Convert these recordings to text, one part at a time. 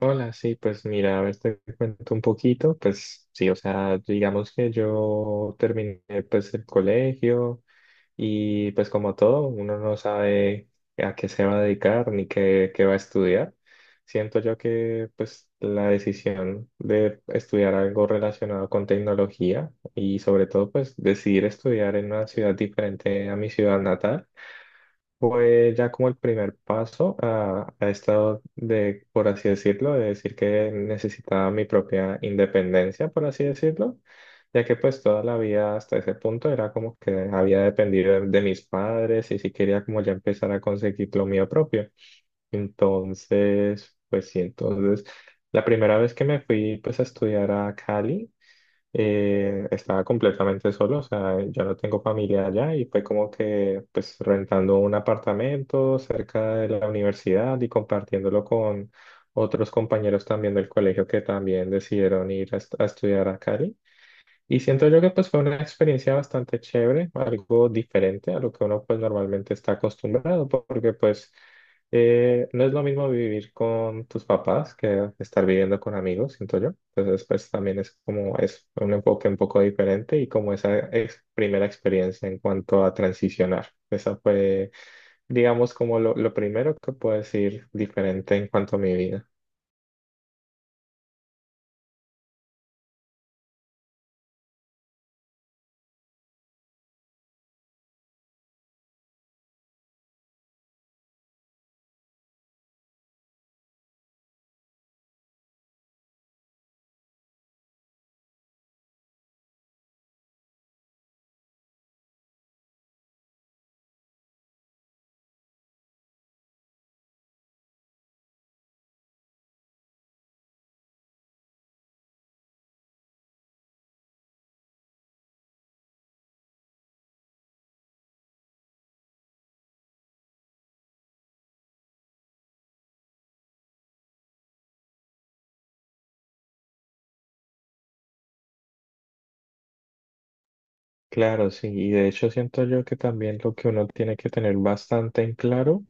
Hola, sí, pues mira, a ver, te cuento un poquito, pues sí, o sea, digamos que yo terminé pues el colegio y pues como todo, uno no sabe a qué se va a dedicar ni qué va a estudiar. Siento yo que pues la decisión de estudiar algo relacionado con tecnología y sobre todo pues decidir estudiar en una ciudad diferente a mi ciudad natal fue ya como el primer paso a esto de, por así decirlo, de decir que necesitaba mi propia independencia, por así decirlo, ya que pues toda la vida hasta ese punto era como que había dependido de mis padres y si quería como ya empezar a conseguir lo mío propio. Entonces, pues sí, entonces la primera vez que me fui pues a estudiar a Cali, estaba completamente solo, o sea, yo no tengo familia allá y fue como que pues rentando un apartamento cerca de la universidad y compartiéndolo con otros compañeros también del colegio que también decidieron ir a, a estudiar a Cali. Y siento yo que pues fue una experiencia bastante chévere, algo diferente a lo que uno pues normalmente está acostumbrado, porque pues no es lo mismo vivir con tus papás que estar viviendo con amigos, siento yo. Entonces pues también es como es un enfoque un poco diferente y como esa primera experiencia en cuanto a transicionar. Esa fue, digamos, como lo primero que puedo decir diferente en cuanto a mi vida. Claro, sí, y de hecho siento yo que también lo que uno tiene que tener bastante en claro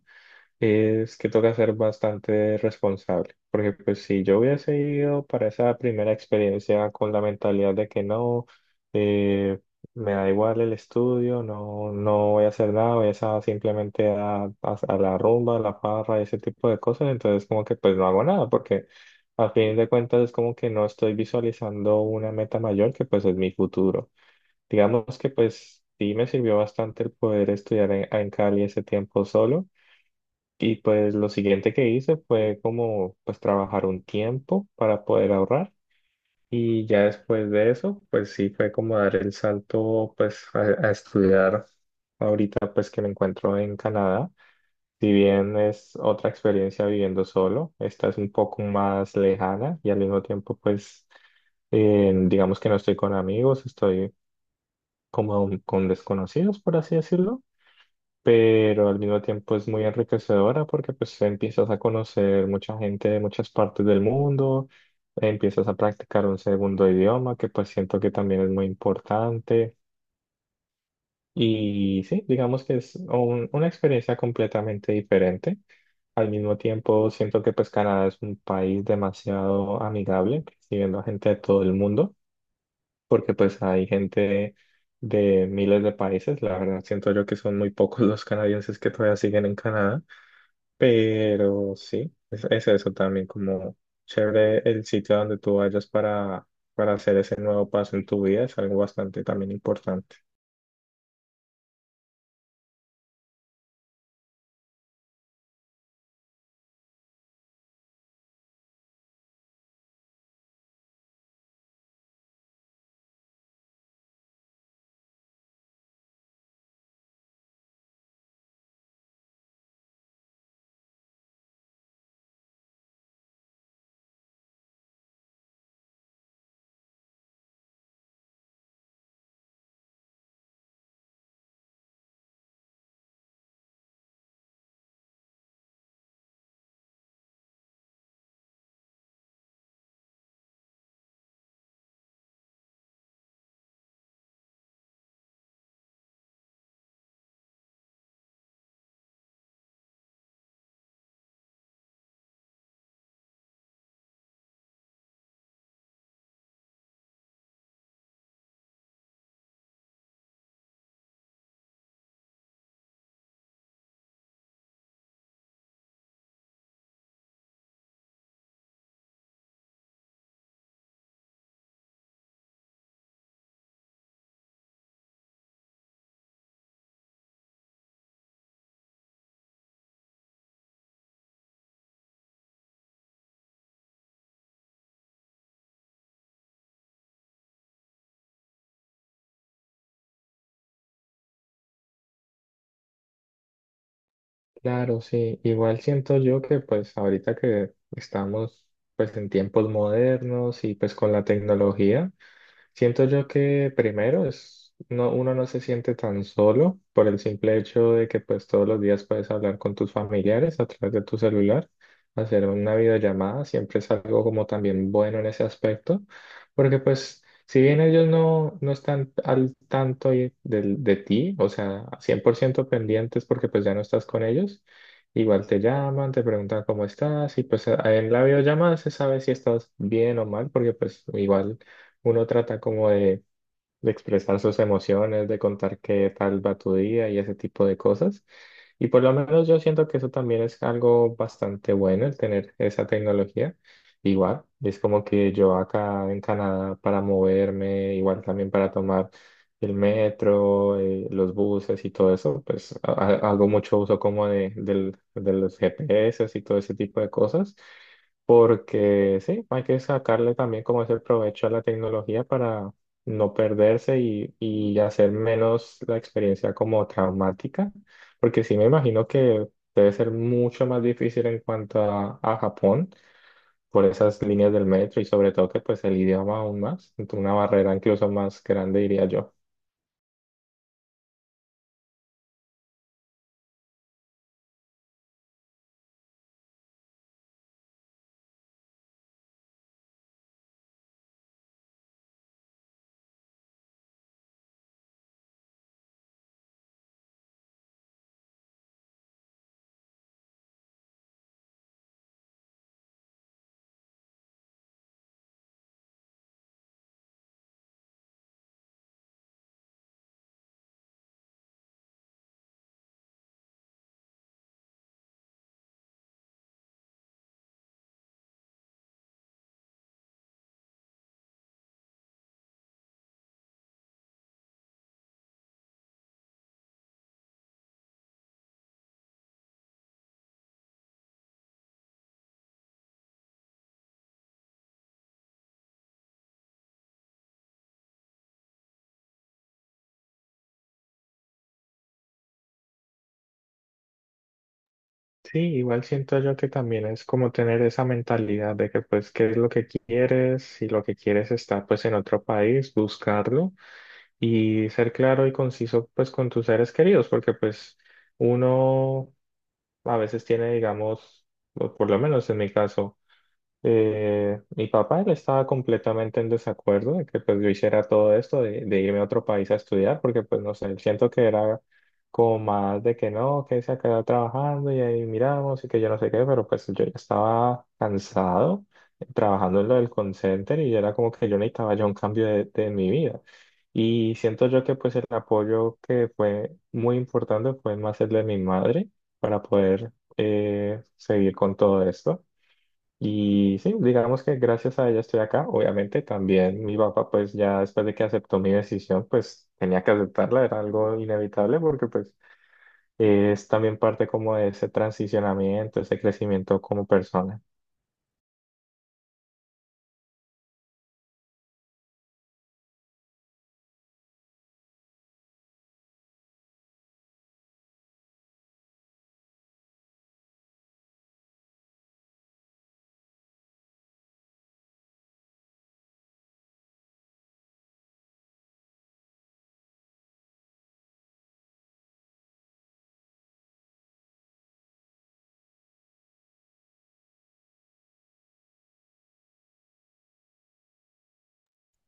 es que toca ser bastante responsable, porque pues si yo hubiese ido para esa primera experiencia con la mentalidad de que no, eh, me da igual el estudio, no, no voy a hacer nada, voy a simplemente a, a la rumba, a la parra, ese tipo de cosas, entonces como que pues no hago nada, porque al fin de cuentas es como que no estoy visualizando una meta mayor que pues es mi futuro. Digamos que pues sí me sirvió bastante el poder estudiar en Cali ese tiempo solo y pues lo siguiente que hice fue como pues trabajar un tiempo para poder ahorrar y ya después de eso pues sí fue como dar el salto pues a estudiar ahorita pues que me encuentro en Canadá. Si bien es otra experiencia viviendo solo, esta es un poco más lejana y al mismo tiempo pues digamos que no estoy con amigos, estoy como con desconocidos por así decirlo, pero al mismo tiempo es muy enriquecedora porque pues empiezas a conocer mucha gente de muchas partes del mundo, empiezas a practicar un segundo idioma que pues siento que también es muy importante y sí, digamos que es una experiencia completamente diferente. Al mismo tiempo siento que pues Canadá es un país demasiado amigable, recibiendo a gente de todo el mundo, porque pues hay gente de miles de países, la verdad siento yo que son muy pocos los canadienses que todavía siguen en Canadá. Pero sí, es eso también como chévere el sitio a donde tú vayas para hacer ese nuevo paso en tu vida, es algo bastante también importante. Claro, sí, igual siento yo que pues ahorita que estamos pues en tiempos modernos y pues con la tecnología. Siento yo que primero es, no, uno no se siente tan solo por el simple hecho de que pues todos los días puedes hablar con tus familiares a través de tu celular, hacer una videollamada, siempre es algo como también bueno en ese aspecto, porque pues si bien ellos no están al tanto ti, o sea, 100% pendientes porque pues ya no estás con ellos, igual te llaman, te preguntan cómo estás y pues en la videollamada se sabe si estás bien o mal porque pues igual uno trata como de expresar sus emociones, de contar qué tal va tu día y ese tipo de cosas. Y por lo menos yo siento que eso también es algo bastante bueno, el tener esa tecnología. Igual, es como que yo acá en Canadá para moverme, igual también para tomar el metro, los buses y todo eso, pues hago mucho uso como de, de los GPS y todo ese tipo de cosas. Porque sí, hay que sacarle también como ese provecho a la tecnología, no perderse y hacer menos la experiencia como traumática, porque sí me imagino que debe ser mucho más difícil en cuanto a Japón por esas líneas del metro y sobre todo que pues el idioma aún más, una barrera incluso más grande diría yo. Sí, igual siento yo que también es como tener esa mentalidad de que pues qué es lo que quieres, si lo que quieres está pues en otro país, buscarlo y ser claro y conciso pues con tus seres queridos, porque pues uno a veces tiene, digamos, o por lo menos en mi caso. Mi papá él estaba completamente en desacuerdo de que pues yo hiciera todo esto de irme a otro país a estudiar porque pues no sé, siento que era como más de que no, que se quedado trabajando y ahí miramos y que yo no sé qué, pero pues yo ya estaba cansado trabajando en lo del call center y era como que yo necesitaba ya un cambio de mi vida. Y siento yo que pues el apoyo que fue muy importante fue más el de mi madre para poder seguir con todo esto. Y sí, digamos que gracias a ella estoy acá. Obviamente también mi papá, pues ya después de que aceptó mi decisión, pues tenía que aceptarla, era algo inevitable porque pues es también parte como de ese transicionamiento, ese crecimiento como persona.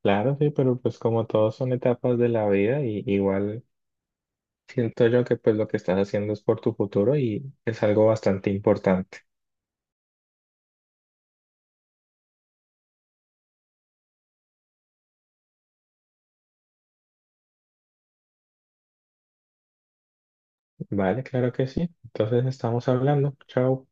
Claro, sí, pero pues como todos son etapas de la vida, y igual siento yo que pues lo que estás haciendo es por tu futuro y es algo bastante importante. Vale, claro que sí. Entonces estamos hablando. Chao.